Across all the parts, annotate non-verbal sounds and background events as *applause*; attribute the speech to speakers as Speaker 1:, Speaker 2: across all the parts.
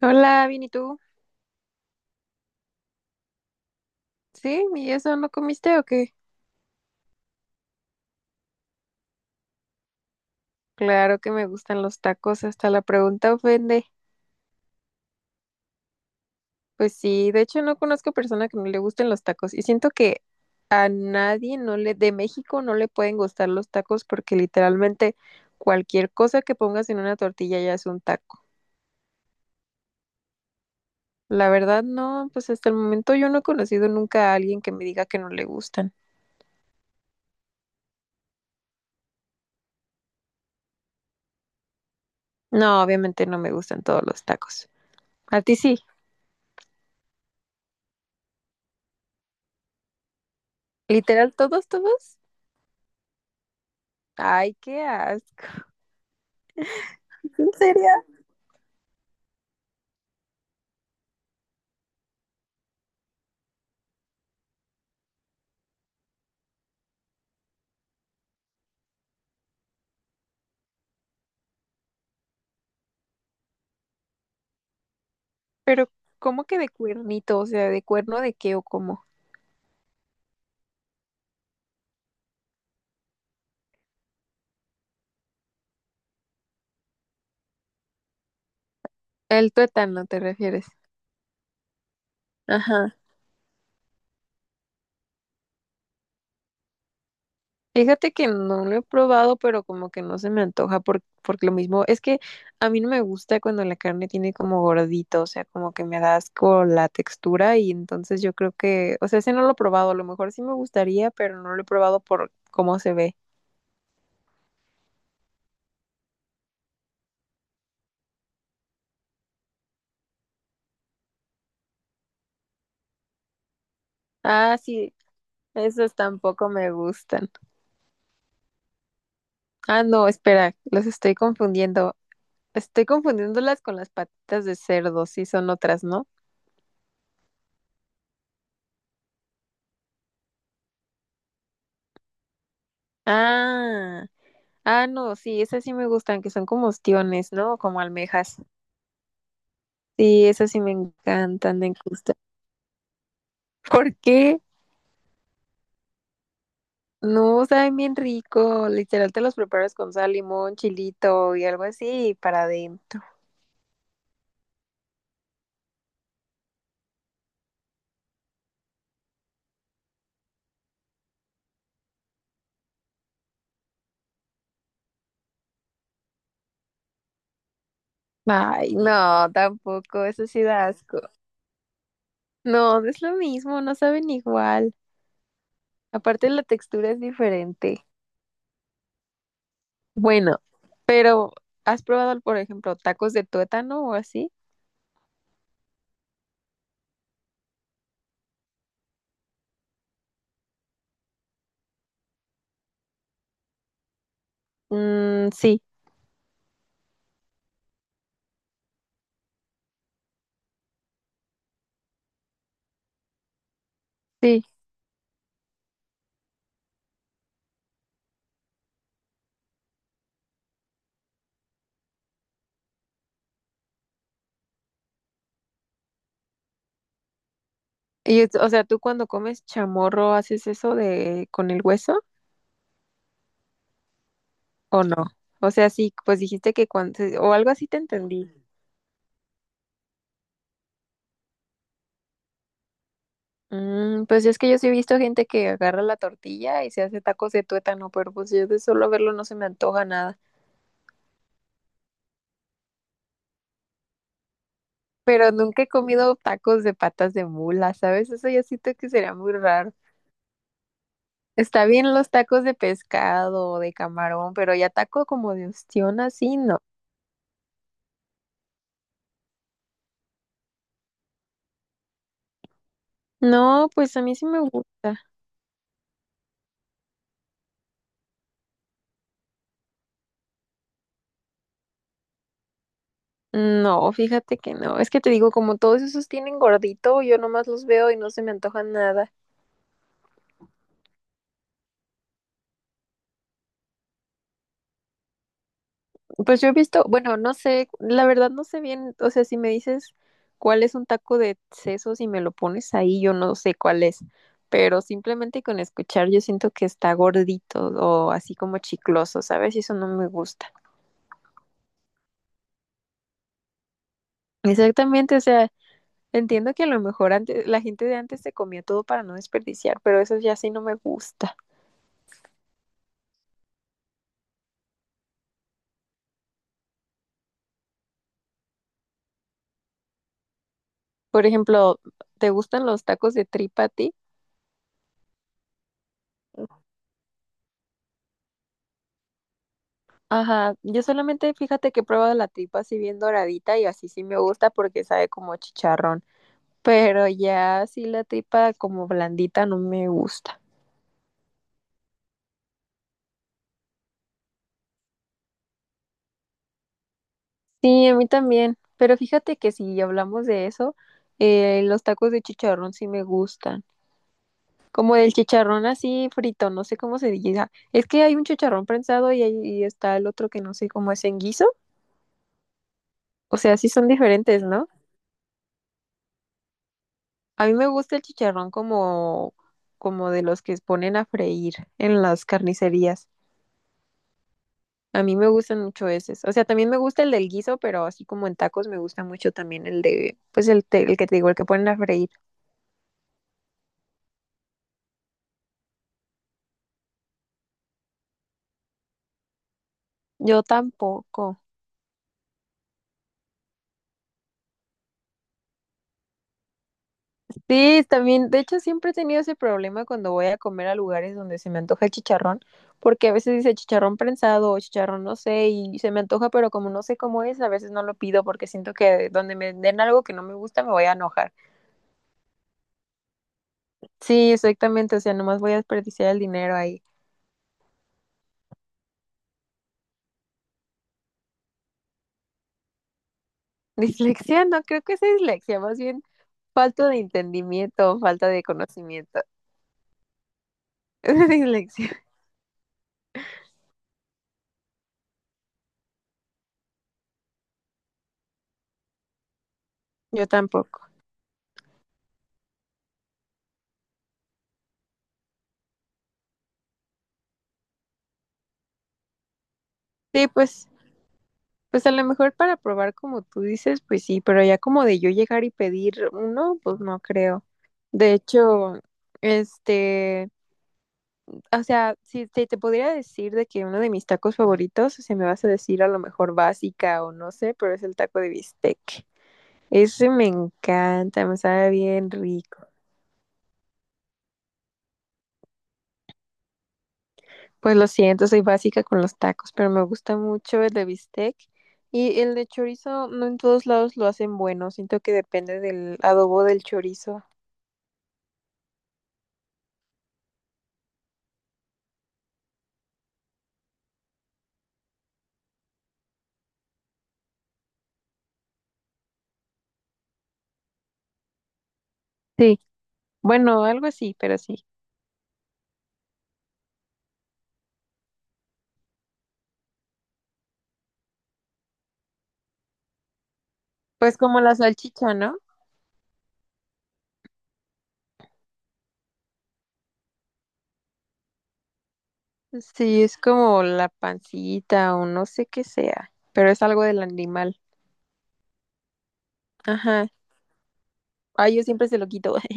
Speaker 1: Hola, bien, ¿y tú? ¿Sí? ¿Y eso no comiste o qué? Claro que me gustan los tacos, hasta la pregunta ofende. Pues sí, de hecho no conozco persona que no le gusten los tacos y siento que a nadie no le de México no le pueden gustar los tacos porque literalmente cualquier cosa que pongas en una tortilla ya es un taco. La verdad no, pues hasta el momento yo no he conocido nunca a alguien que me diga que no le gustan. No, obviamente no me gustan todos los tacos. A ti sí, literal todos, todos. Ay, qué asco. ¿En serio? Pero, ¿cómo que de cuernito? O sea, ¿de cuerno de qué o cómo? El tuétano, ¿te refieres? Ajá. Fíjate que no lo he probado, pero como que no se me antoja porque lo mismo es que a mí no me gusta cuando la carne tiene como gordito, o sea, como que me da asco la textura y entonces yo creo que, o sea, ese no lo he probado, a lo mejor sí me gustaría, pero no lo he probado por cómo se ve. Ah, sí, esos tampoco me gustan. Ah, no, espera, los estoy confundiendo. Estoy confundiéndolas con las patitas de cerdo, sí son otras, ¿no? Ah, ah, no, sí, esas sí me gustan, que son como ostiones, ¿no? Como almejas. Sí, esas sí me encantan, me gustan. ¿Por qué? No, saben bien rico. Literal te los preparas con sal, limón, chilito y algo así y para adentro. Ay, no, tampoco, eso sí da asco. No, no es lo mismo, no saben igual. Aparte la textura es diferente. Bueno. Pero, ¿has probado, por ejemplo, tacos de tuétano o así? Mm, sí, sí. Y, o sea, ¿tú cuando comes chamorro haces eso de con el hueso o no? O sea, sí, pues dijiste que cuando, o algo así te entendí. Mm, pues es que yo sí he visto gente que agarra la tortilla y se hace tacos de tuétano, pero pues yo de solo verlo no se me antoja nada. Pero nunca he comido tacos de patas de mula, ¿sabes? Eso yo siento que sería muy raro. Está bien los tacos de pescado o de camarón, pero ya taco como de ostión así, no. No, pues a mí sí me gusta. No, fíjate que no. Es que te digo, como todos esos tienen gordito, yo nomás los veo y no se me antoja nada. Pues yo he visto, bueno, no sé, la verdad no sé bien, o sea, si me dices cuál es un taco de sesos y me lo pones ahí, yo no sé cuál es. Pero simplemente con escuchar yo siento que está gordito o así como chicloso, ¿sabes? Y eso no me gusta. Exactamente, o sea, entiendo que a lo mejor antes, la gente de antes se comía todo para no desperdiciar, pero eso ya sí no me gusta. Por ejemplo, ¿te gustan los tacos de tripa a ti? Ajá, yo solamente fíjate que he probado la tripa así bien doradita y así sí me gusta porque sabe como chicharrón, pero ya así la tripa como blandita no me gusta. Sí, a mí también, pero fíjate que si hablamos de eso, los tacos de chicharrón sí me gustan. Como el chicharrón así frito, no sé cómo se diga. Es que hay un chicharrón prensado y, y está el otro que no sé cómo es en guiso. O sea, sí son diferentes, ¿no? A mí me gusta el chicharrón como de los que ponen a freír en las carnicerías. A mí me gustan mucho esos. O sea, también me gusta el del guiso, pero así como en tacos me gusta mucho también el de, pues el, el que te digo, el que ponen a freír. Yo tampoco. Sí, también, de hecho siempre he tenido ese problema cuando voy a comer a lugares donde se me antoja el chicharrón, porque a veces dice chicharrón prensado o chicharrón no sé, y se me antoja, pero como no sé cómo es, a veces no lo pido porque siento que donde me den algo que no me gusta me voy a enojar. Sí, exactamente, o sea, nomás voy a desperdiciar el dinero ahí. *laughs* Dislexia, no creo que sea dislexia, más bien falta de entendimiento, falta de conocimiento. *laughs* Dislexia, yo tampoco. Sí, pues. Pues a lo mejor para probar como tú dices, pues sí, pero ya como de yo llegar y pedir uno, pues no creo. De hecho, este, o sea, si te podría decir de que uno de mis tacos favoritos, se me vas a decir a lo mejor básica o no sé, pero es el taco de bistec. Ese me encanta, me sabe bien rico. Pues lo siento, soy básica con los tacos, pero me gusta mucho el de bistec. Y el de chorizo, no en todos lados lo hacen bueno, siento que depende del adobo del chorizo. Sí, bueno, algo así, pero sí. Pues como la salchicha, ¿no? Sí, es como la pancita o no sé qué sea, pero es algo del animal. Ajá. Ay, yo siempre se lo quito. *laughs*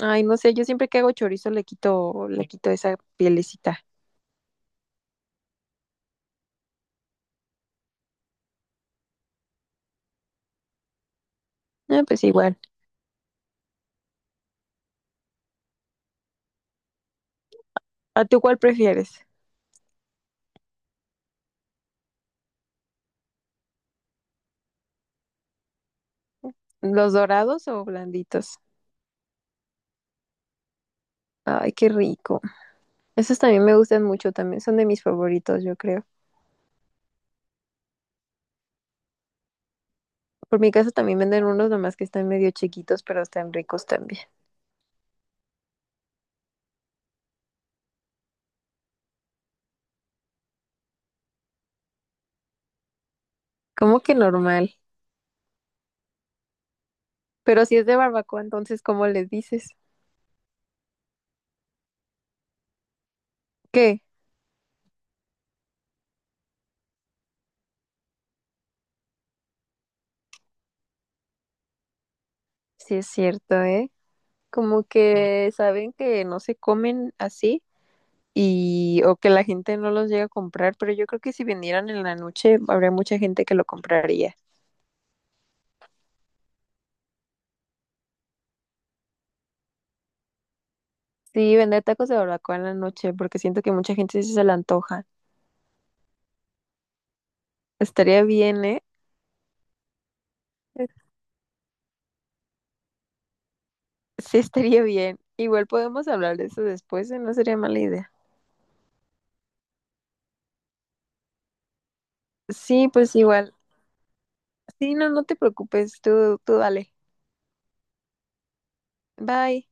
Speaker 1: Ay, no sé, yo siempre que hago chorizo le quito esa pielecita. Ah, pues igual. ¿A tú cuál prefieres? ¿Los dorados o blanditos? Ay, qué rico. Esos también me gustan mucho, también son de mis favoritos, yo creo. Por mi casa también venden unos nomás que están medio chiquitos, pero están ricos también. ¿Cómo que normal? Pero si es de barbacoa, entonces, ¿cómo les dices? ¿Qué? Sí es cierto, ¿eh? Como que saben que no se comen así y o que la gente no los llega a comprar, pero yo creo que si vendieran en la noche, habría mucha gente que lo compraría. Sí, vender tacos de barbacoa en la noche, porque siento que mucha gente sí se le antoja. Estaría bien, ¿eh? Sí, estaría bien. Igual podemos hablar de eso después, ¿eh? No sería mala idea. Sí, pues igual. Sí, no, no te preocupes, tú dale. Bye.